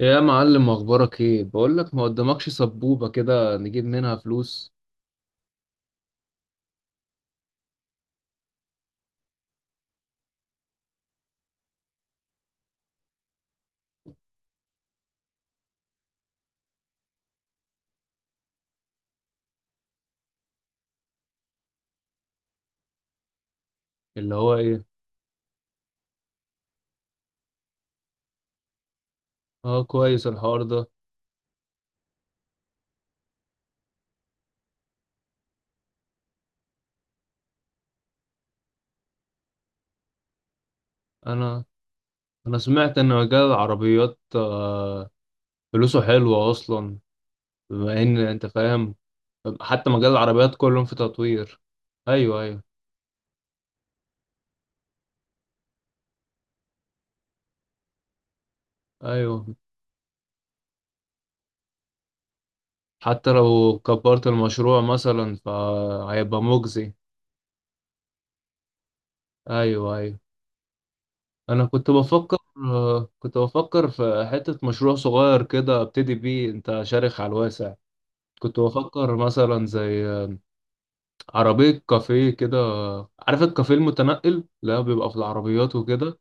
يا معلم، اخبارك ايه؟ بقول لك، ما قدامكش سبوبة كده نجيب منها فلوس؟ اللي هو ايه؟ اه، كويس الحوار ده. انا انا سمعت ان مجال العربيات فلوسه حلوة اصلا. بما ان انت فاهم، حتى مجال العربيات كلهم في تطوير. ايوه ايوه. ايوه، حتى لو كبرت المشروع مثلا فهيبقى مجزي. ايوه ايوه. انا كنت بفكر، كنت بفكر في حتة مشروع صغير كده ابتدي بيه. انت شارخ على الواسع. كنت بفكر مثلا زي عربية كافيه كده. عارف الكافيه المتنقل، لا بيبقى في العربيات وكده.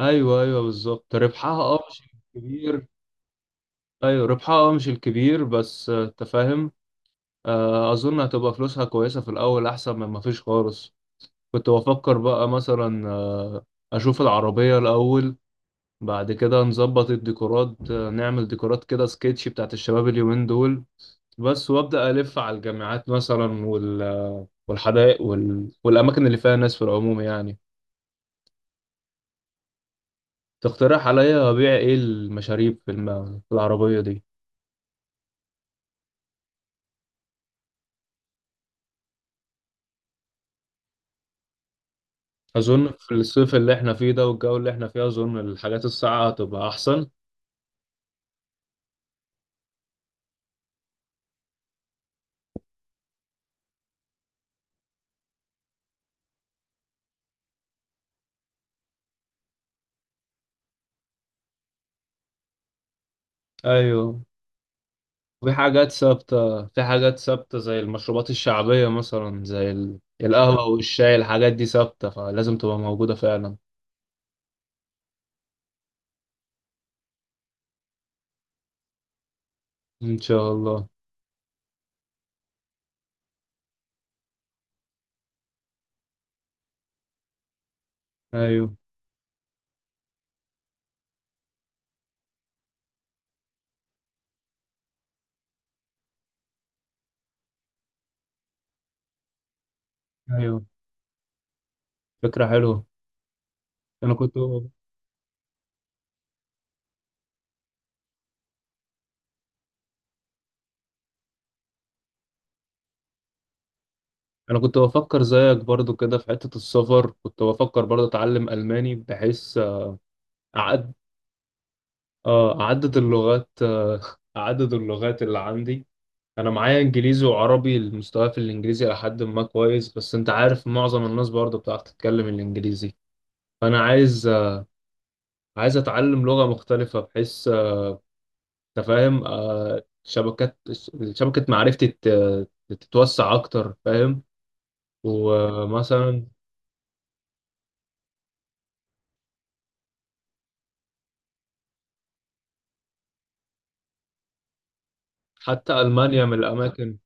ايوه ايوه، بالظبط. ربحها اه مش الكبير. ايوه، ربحها اه مش الكبير بس، انت فاهم. اظن هتبقى فلوسها كويسة في الاول، احسن من ما فيش خالص. كنت بفكر بقى مثلا، اشوف العربية الاول، بعد كده نظبط الديكورات. نعمل ديكورات كده سكتش بتاعت الشباب اليومين دول بس، وابدا الف على الجامعات مثلا وال والحدائق وال... والاماكن اللي فيها ناس في العموم يعني. تقترح عليا ابيع ايه المشاريب في, في العربيه دي؟ اظن في الصيف اللي احنا فيه ده والجو اللي احنا فيه، اظن الحاجات الساقعه هتبقى احسن. ايوه. في حاجات ثابته، في حاجات ثابته زي المشروبات الشعبيه مثلا، زي القهوه والشاي. الحاجات دي ثابته فلازم تبقى موجوده فعلا. ان شاء الله. ايوه ايوه، فكره حلوه. انا كنت، انا كنت بفكر زيك برضو كده في حتة السفر. كنت بفكر برضو اتعلم الماني، بحيث اعد، اه، اعدد اللغات، اعدد اللغات اللي عندي. انا معايا انجليزي وعربي. المستوى في الانجليزي الى حد ما كويس، بس انت عارف معظم الناس برضو بتعرف تتكلم الانجليزي. فانا عايز، عايز اتعلم لغة مختلفة، بحيث أنت فاهم، آه، شبكات شبكة معرفتي تتوسع اكتر، فاهم. ومثلا، حتى المانيا من الاماكن.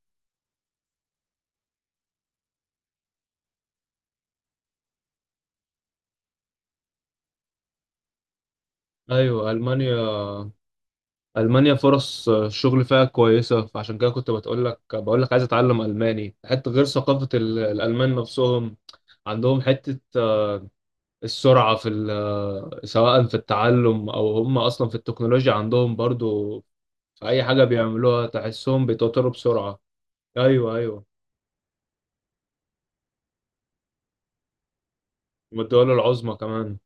ايوه، المانيا. المانيا فرص الشغل فيها كويسه، فعشان كده كنت بتقول لك، بقول لك عايز اتعلم الماني. حتى غير ثقافه الالمان نفسهم عندهم حته السرعه في سواء في التعلم، او هم اصلا في التكنولوجيا عندهم برضو. في اي حاجه بيعملوها تحسهم بيتوتروا بسرعه. ايوه ايوه، والدول العظمى كمان.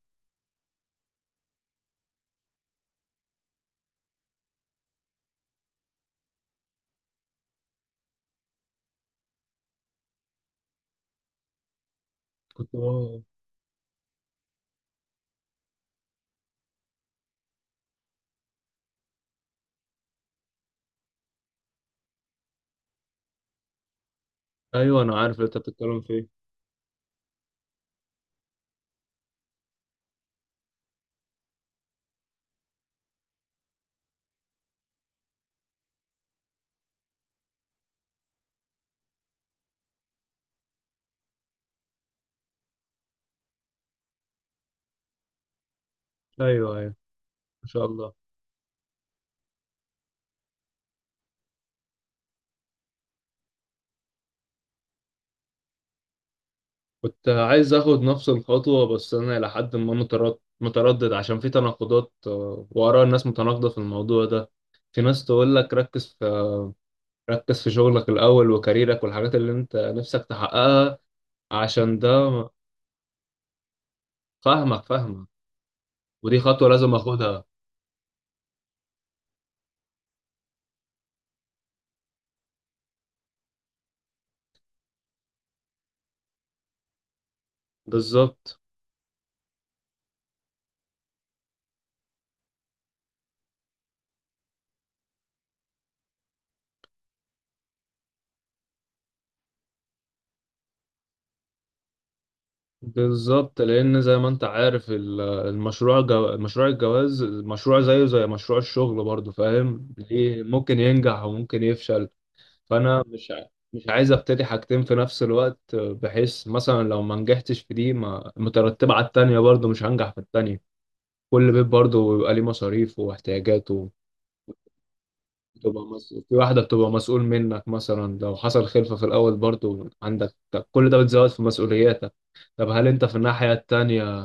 كنت. ايوه، انا عارف اللي انت بتتكلم فيه. ايوه ايوه. ما شاء الله. كنت عايز اخد نفس الخطوة، بس انا الى حد ما متردد، عشان في تناقضات. واراء الناس متناقضة في الموضوع ده. في ناس تقول لك ركز في، ركز في شغلك الاول وكاريرك والحاجات اللي انت نفسك تحققها، عشان ده. فاهمك، فاهمك. ودي خطوة لازم اخدها. بالظبط. بالظبط، لان زي ما انت عارف مشروع الجواز مشروع زيه زي مشروع الشغل برضه، فاهم؟ ليه ممكن ينجح وممكن يفشل. فانا مش عايز ابتدي حاجتين في نفس الوقت، بحيث مثلا لو ما نجحتش في دي ما مترتبة على التانية برضه مش هنجح في التانية. كل بيت برضه بيبقى ليه مصاريف واحتياجاته. في واحدة بتبقى مسؤول منك. مثلا لو حصل خلفة في الأول برضه عندك، طب كل ده بتزود في مسؤولياتك. طب هل أنت في الناحية التانية،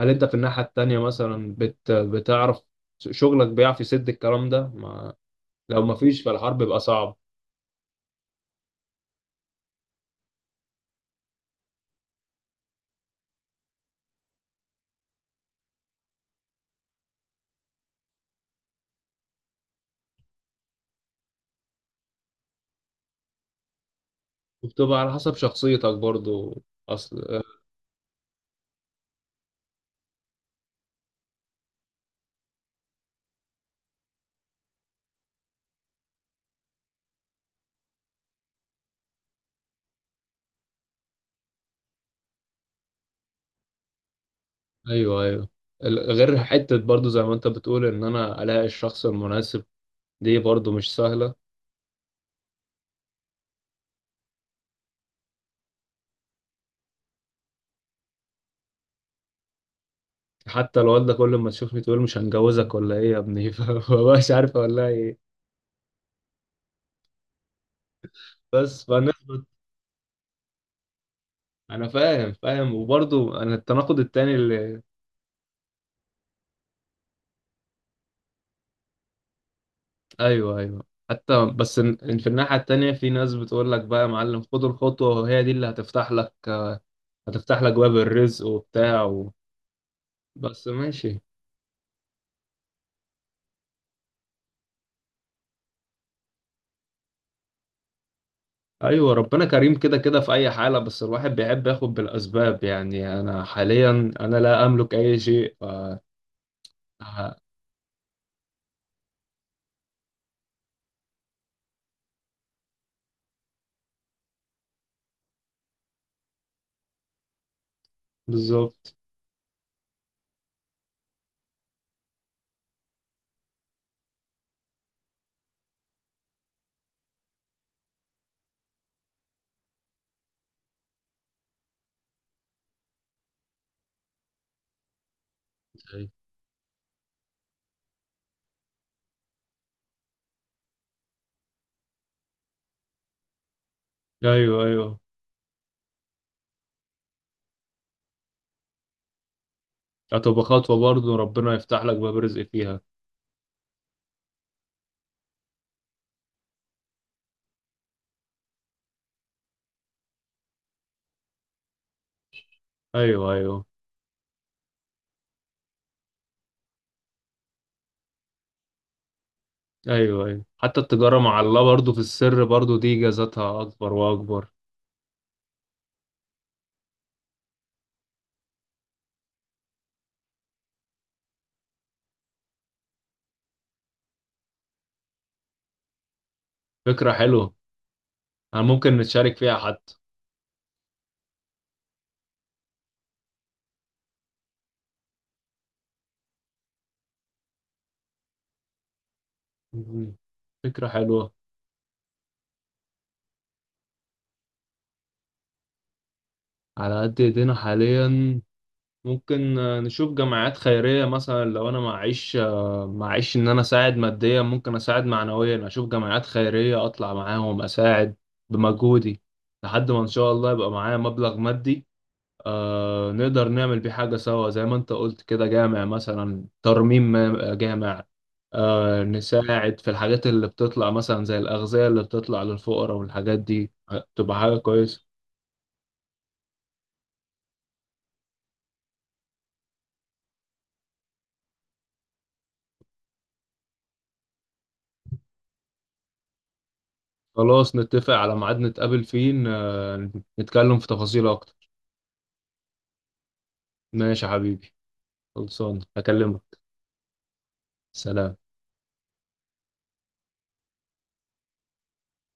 هل أنت في الناحية التانية مثلا بتعرف شغلك بيعرف يسد الكلام ده ما... لو مفيش فالحرب بيبقى صعب. وبتبقى على حسب شخصيتك برضو، اصل. ايوه ايوه. غير حتة برضو زي ما انت بتقول ان انا الاقي الشخص المناسب، دي برضو مش سهلة. حتى الوالدة كل ما تشوفني تقول مش هنجوزك ولا ايه يا ابني، فمبقاش عارف اقول لها ايه. بس فنثبت. انا فاهم فاهم، وبرضو انا التناقض التاني اللي. ايوه ايوه. حتى بس إن في الناحية التانية في ناس بتقول لك بقى يا معلم خد الخطوة، وهي دي اللي هتفتح لك، هتفتح لك باب الرزق وبتاع و... بس ماشي. ايوه. ربنا كريم، كده كده في اي حاله، بس الواحد بيحب ياخد بالاسباب. يعني انا حاليا انا لا املك اي شيء ف... ه-. بالظبط. ايوه ايوه. هتبقى خطوه برضه ربنا يفتح لك باب رزق فيها. ايوه ايوه. ايوه ايوه، حتى التجاره مع الله برضه في السر برضه دي جازتها اكبر واكبر. فكره حلوه، انا ممكن نتشارك فيها حتى. مم. فكره حلوه. على قد ايدينا حاليا، ممكن نشوف جمعيات خيرية مثلا. لو أنا معيش، معيش إن أنا أساعد ماديا، ممكن أساعد معنويا. أشوف جمعيات خيرية أطلع معاهم أساعد بمجهودي، لحد ما إن شاء الله يبقى معايا مبلغ مادي، آه، نقدر نعمل بيه حاجة سوا زي ما أنت قلت كده، جامع مثلا، ترميم جامع، آه، نساعد في الحاجات اللي بتطلع مثلا زي الأغذية اللي بتطلع للفقراء والحاجات دي. تبقى حاجة كويسة. خلاص، نتفق على ميعاد نتقابل فيه نتكلم في تفاصيل اكتر. ماشي يا حبيبي. خلصان، هكلمك. سلام.